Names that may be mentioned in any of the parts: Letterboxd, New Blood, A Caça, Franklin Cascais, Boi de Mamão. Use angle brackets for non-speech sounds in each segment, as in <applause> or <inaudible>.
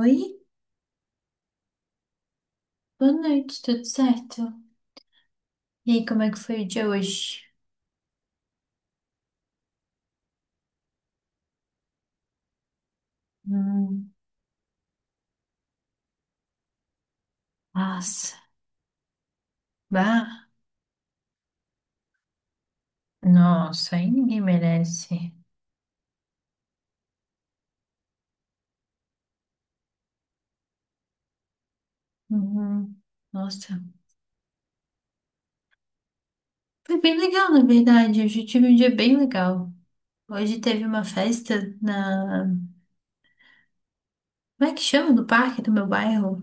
Oi, boa noite, tudo certo? E aí, como é que foi o dia hoje? Hum, nossa, bah, nossa, aí ninguém merece. Uhum, nossa, foi bem legal, na verdade, hoje eu tive um dia bem legal. Hoje teve uma festa na, como é que chama? No parque do meu bairro.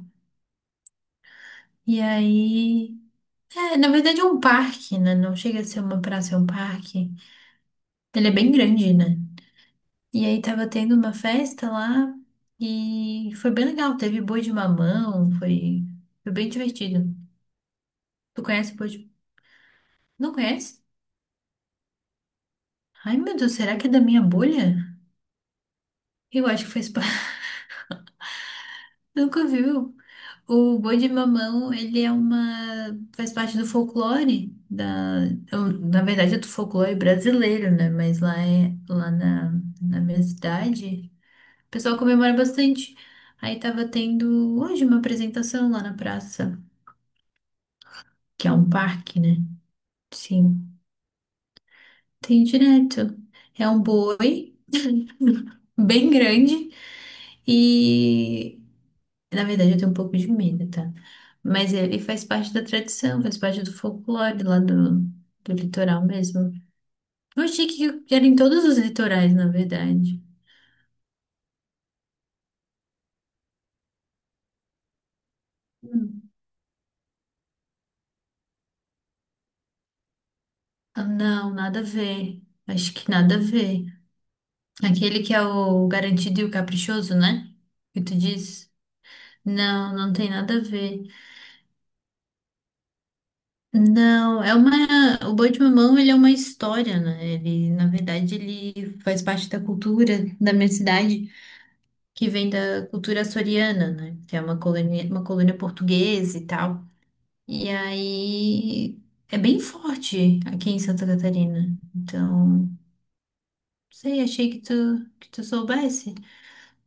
E aí, é, na verdade é um parque, né? Não chega a ser uma praça, é um parque. Ele é bem grande, né? E aí tava tendo uma festa lá e foi bem legal. Teve boi de mamão, foi bem divertido. Tu conhece boi de... Não conhece? Ai, meu Deus, será que é da minha bolha? Eu acho que faz parte. <laughs> Nunca viu. O boi de mamão, ele é uma... faz parte do folclore da... Na verdade é do folclore brasileiro, né? Mas lá, é... lá na... na minha cidade, o pessoal comemora bastante. Aí tava tendo hoje uma apresentação lá na praça. Que é um parque, né? Sim, tem direto. É um boi <laughs> bem grande e, na verdade, eu tenho um pouco de medo, tá? Mas ele faz parte da tradição, faz parte do folclore lá do, do litoral mesmo. Eu achei que era em todos os litorais, na verdade. Hum. Ah, não, nada a ver. Acho que nada a ver. Aquele que é o garantido e o caprichoso, né? Que tu diz? Não, não tem nada a ver. Não, é uma. O Boi de Mamão, ele é uma história, né? Ele, na verdade, ele faz parte da cultura da minha cidade, que vem da cultura açoriana, né? Que é uma colônia portuguesa e tal. E aí é bem forte aqui em Santa Catarina. Então, não sei, achei que tu soubesse.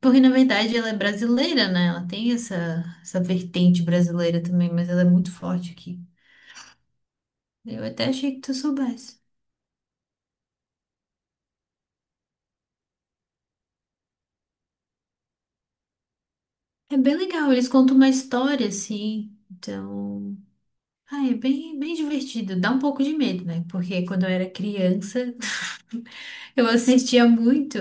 Porque, na verdade, ela é brasileira, né? Ela tem essa, essa vertente brasileira também, mas ela é muito forte aqui. Eu até achei que tu soubesse. É bem legal, eles contam uma história assim, então. Ah, é bem, bem divertido. Dá um pouco de medo, né? Porque quando eu era criança, <laughs> eu assistia muito.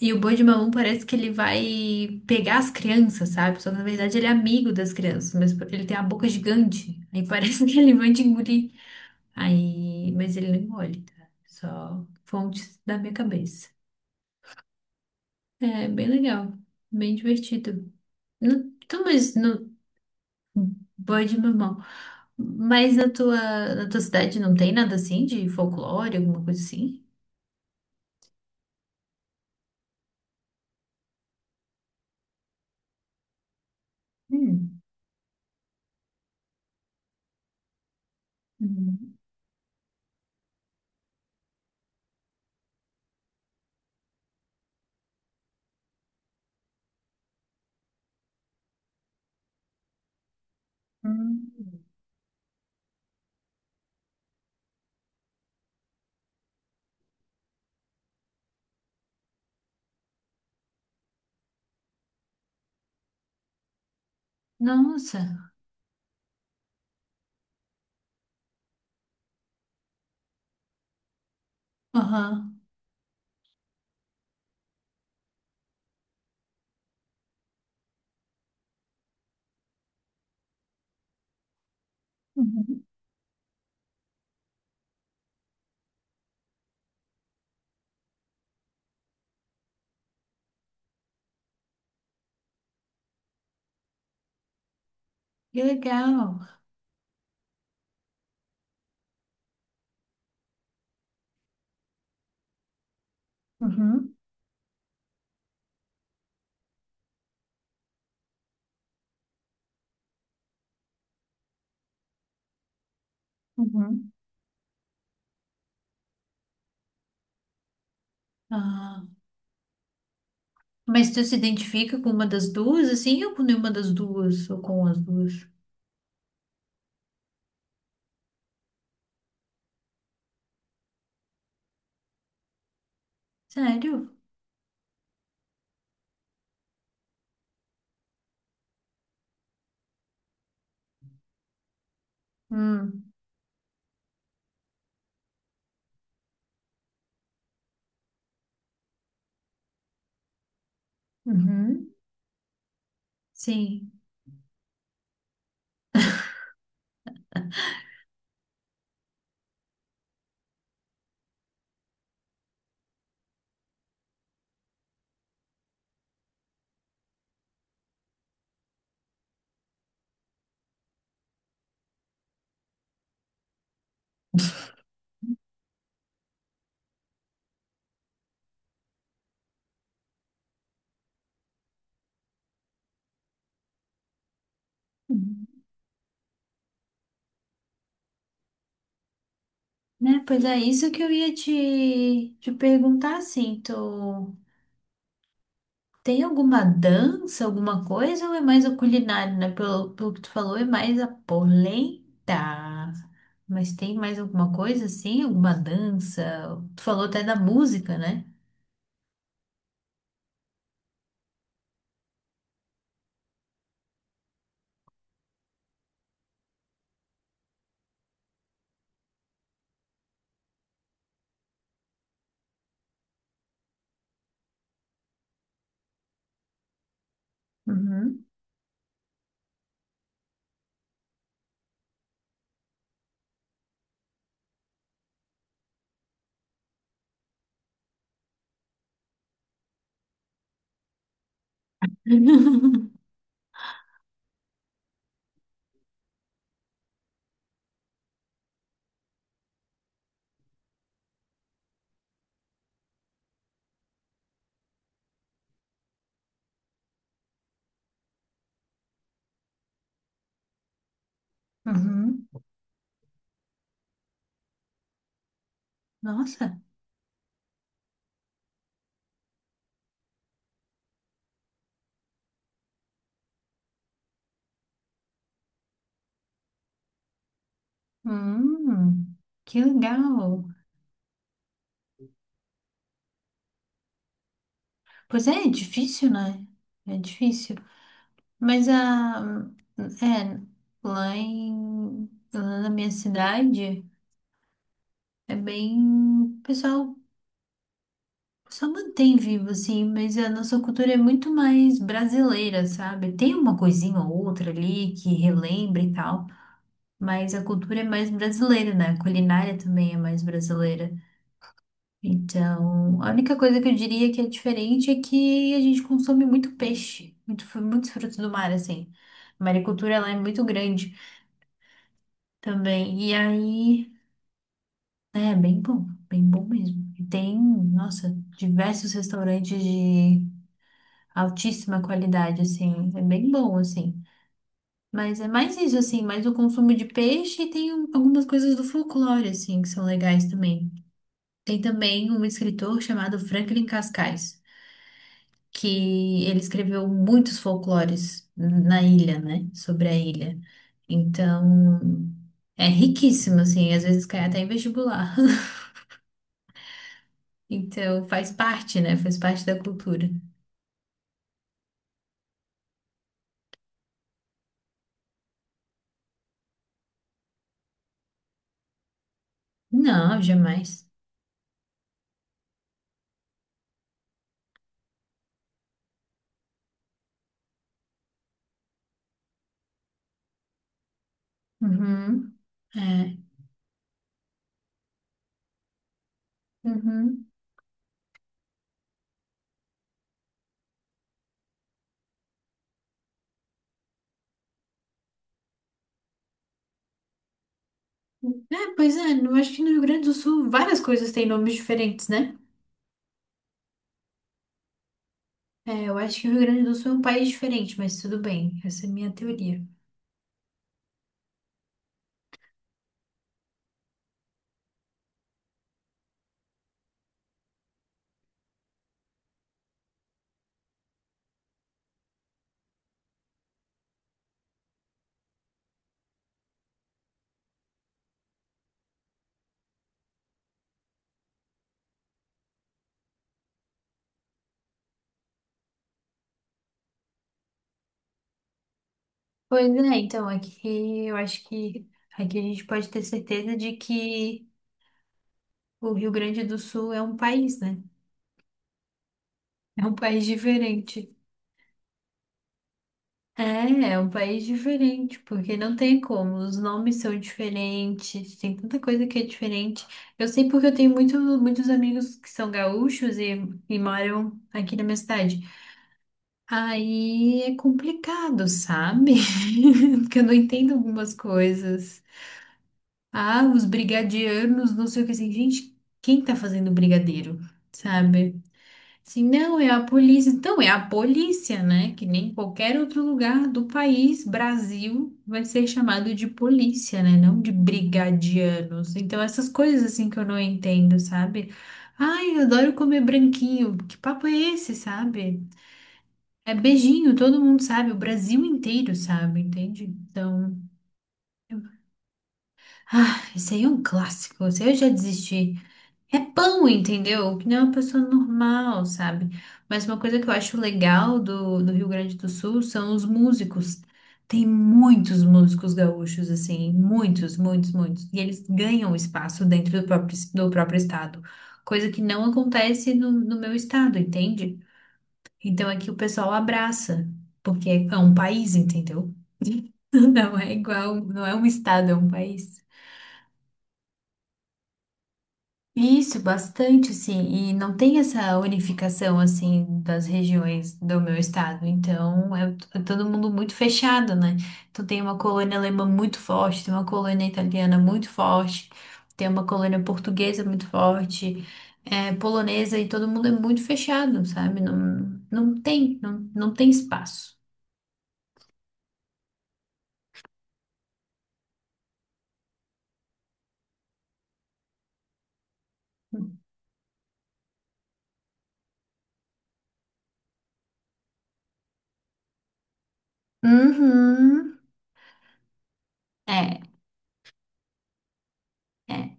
E o Boi de Mamão parece que ele vai pegar as crianças, sabe? Só que na verdade ele é amigo das crianças, mas ele tem a boca gigante. Aí parece <laughs> que ele vai te engolir. Aí. Mas ele não engole, tá? Só fontes da minha cabeça. É bem legal, bem divertido. Não- Então, mas não- Boi de mamão. Mas na tua cidade não tem nada assim de folclore, alguma coisa assim? Hum. Hum. Hum. Nossa. Aham. Uhum. Que legal. Uhum. Uhum. Ah, mas tu se identifica com uma das duas, assim, ou com nenhuma das duas, ou com as duas? Sério? Hum. Uhum. Sim. Uhum. Né? Pois é, isso que eu ia te perguntar, assim, tu. Tem alguma dança, alguma coisa, ou é mais a culinária, né? Pelo que tu falou, é mais a polenta. Mas tem mais alguma coisa assim? Alguma dança? Tu falou até da música, né? Uhum. <laughs> Uhum. Nossa. Hum, que legal. Pois é, é difícil, né? É difícil. Mas a é lá em lá na minha cidade é bem o pessoal só mantém vivo, sim, mas a nossa cultura é muito mais brasileira, sabe? Tem uma coisinha ou outra ali que relembra e tal, mas a cultura é mais brasileira, né? A culinária também é mais brasileira. Então, a única coisa que eu diria que é diferente é que a gente consome muito peixe, muito, muitos frutos do mar, assim. A maricultura, ela é muito grande também. E aí, é bem bom mesmo. E tem, nossa, diversos restaurantes altíssima qualidade, assim, é bem bom, assim. Mas é mais isso, assim, mais o consumo de peixe e tem algumas coisas do folclore, assim, que são legais também. Tem também um escritor chamado Franklin Cascais, que ele escreveu muitos folclores na ilha, né, sobre a ilha. Então, é riquíssimo, assim, às vezes cai até em vestibular. <laughs> Então, faz parte, né, faz parte da cultura. Não, jamais. Uhum. É. Uhum. É, pois é, eu acho que no Rio Grande do Sul várias coisas têm nomes diferentes, né? É, eu acho que o Rio Grande do Sul é um país diferente, mas tudo bem, essa é a minha teoria. Pois é, então, aqui eu acho que aqui a gente pode ter certeza de que o Rio Grande do Sul é um país, né? É um país diferente. É, é um país diferente, porque não tem como, os nomes são diferentes, tem tanta coisa que é diferente. Eu sei porque eu tenho muitos amigos que são gaúchos e moram aqui na minha cidade. Aí é complicado, sabe? <laughs> Porque eu não entendo algumas coisas. Ah, os brigadianos, não sei o que assim. Gente, quem tá fazendo brigadeiro? Sabe? Assim, não, é a polícia. Então, é a polícia, né? Que nem qualquer outro lugar do país, Brasil, vai ser chamado de polícia, né? Não de brigadianos. Então, essas coisas assim que eu não entendo, sabe? Ai, eu adoro comer branquinho. Que papo é esse, sabe? É beijinho, todo mundo sabe, o Brasil inteiro sabe, entende? Então, eu- ah, esse aí é um clássico, esse aí eu já desisti. É pão, entendeu? Que não é uma pessoa normal, sabe? Mas uma coisa que eu acho legal do Rio Grande do Sul são os músicos. Tem muitos músicos gaúchos, assim, muitos, muitos, muitos. E eles ganham espaço dentro do próprio estado, coisa que não acontece no meu estado, entende? Então aqui o pessoal abraça, porque é um país, entendeu? <laughs> Não é igual, não é um estado, é um país. Isso, bastante, sim. E não tem essa unificação, assim, das regiões do meu estado. Então, é, é todo mundo muito fechado, né? Então, tem uma colônia alemã muito forte, tem uma colônia italiana muito forte, tem uma colônia portuguesa muito forte, é, polonesa, e todo mundo é muito fechado, sabe? Não, não tem, não, não tem espaço. Uhum. É, é,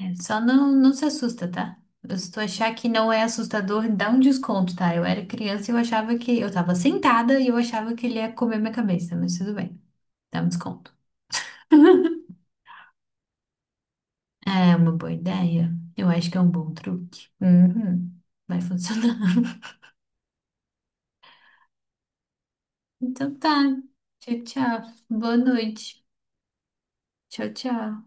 é. Só não, não se assusta, tá? Se tu achar que não é assustador, dá um desconto, tá? Eu era criança e eu achava que... Eu tava sentada e eu achava que ele ia comer minha cabeça, mas tudo bem. Dá um desconto. <laughs> É uma boa ideia. Eu acho que é um bom truque. Uhum. Vai funcionar. <laughs> Então tá. Tchau, tchau. Boa noite. Tchau, tchau.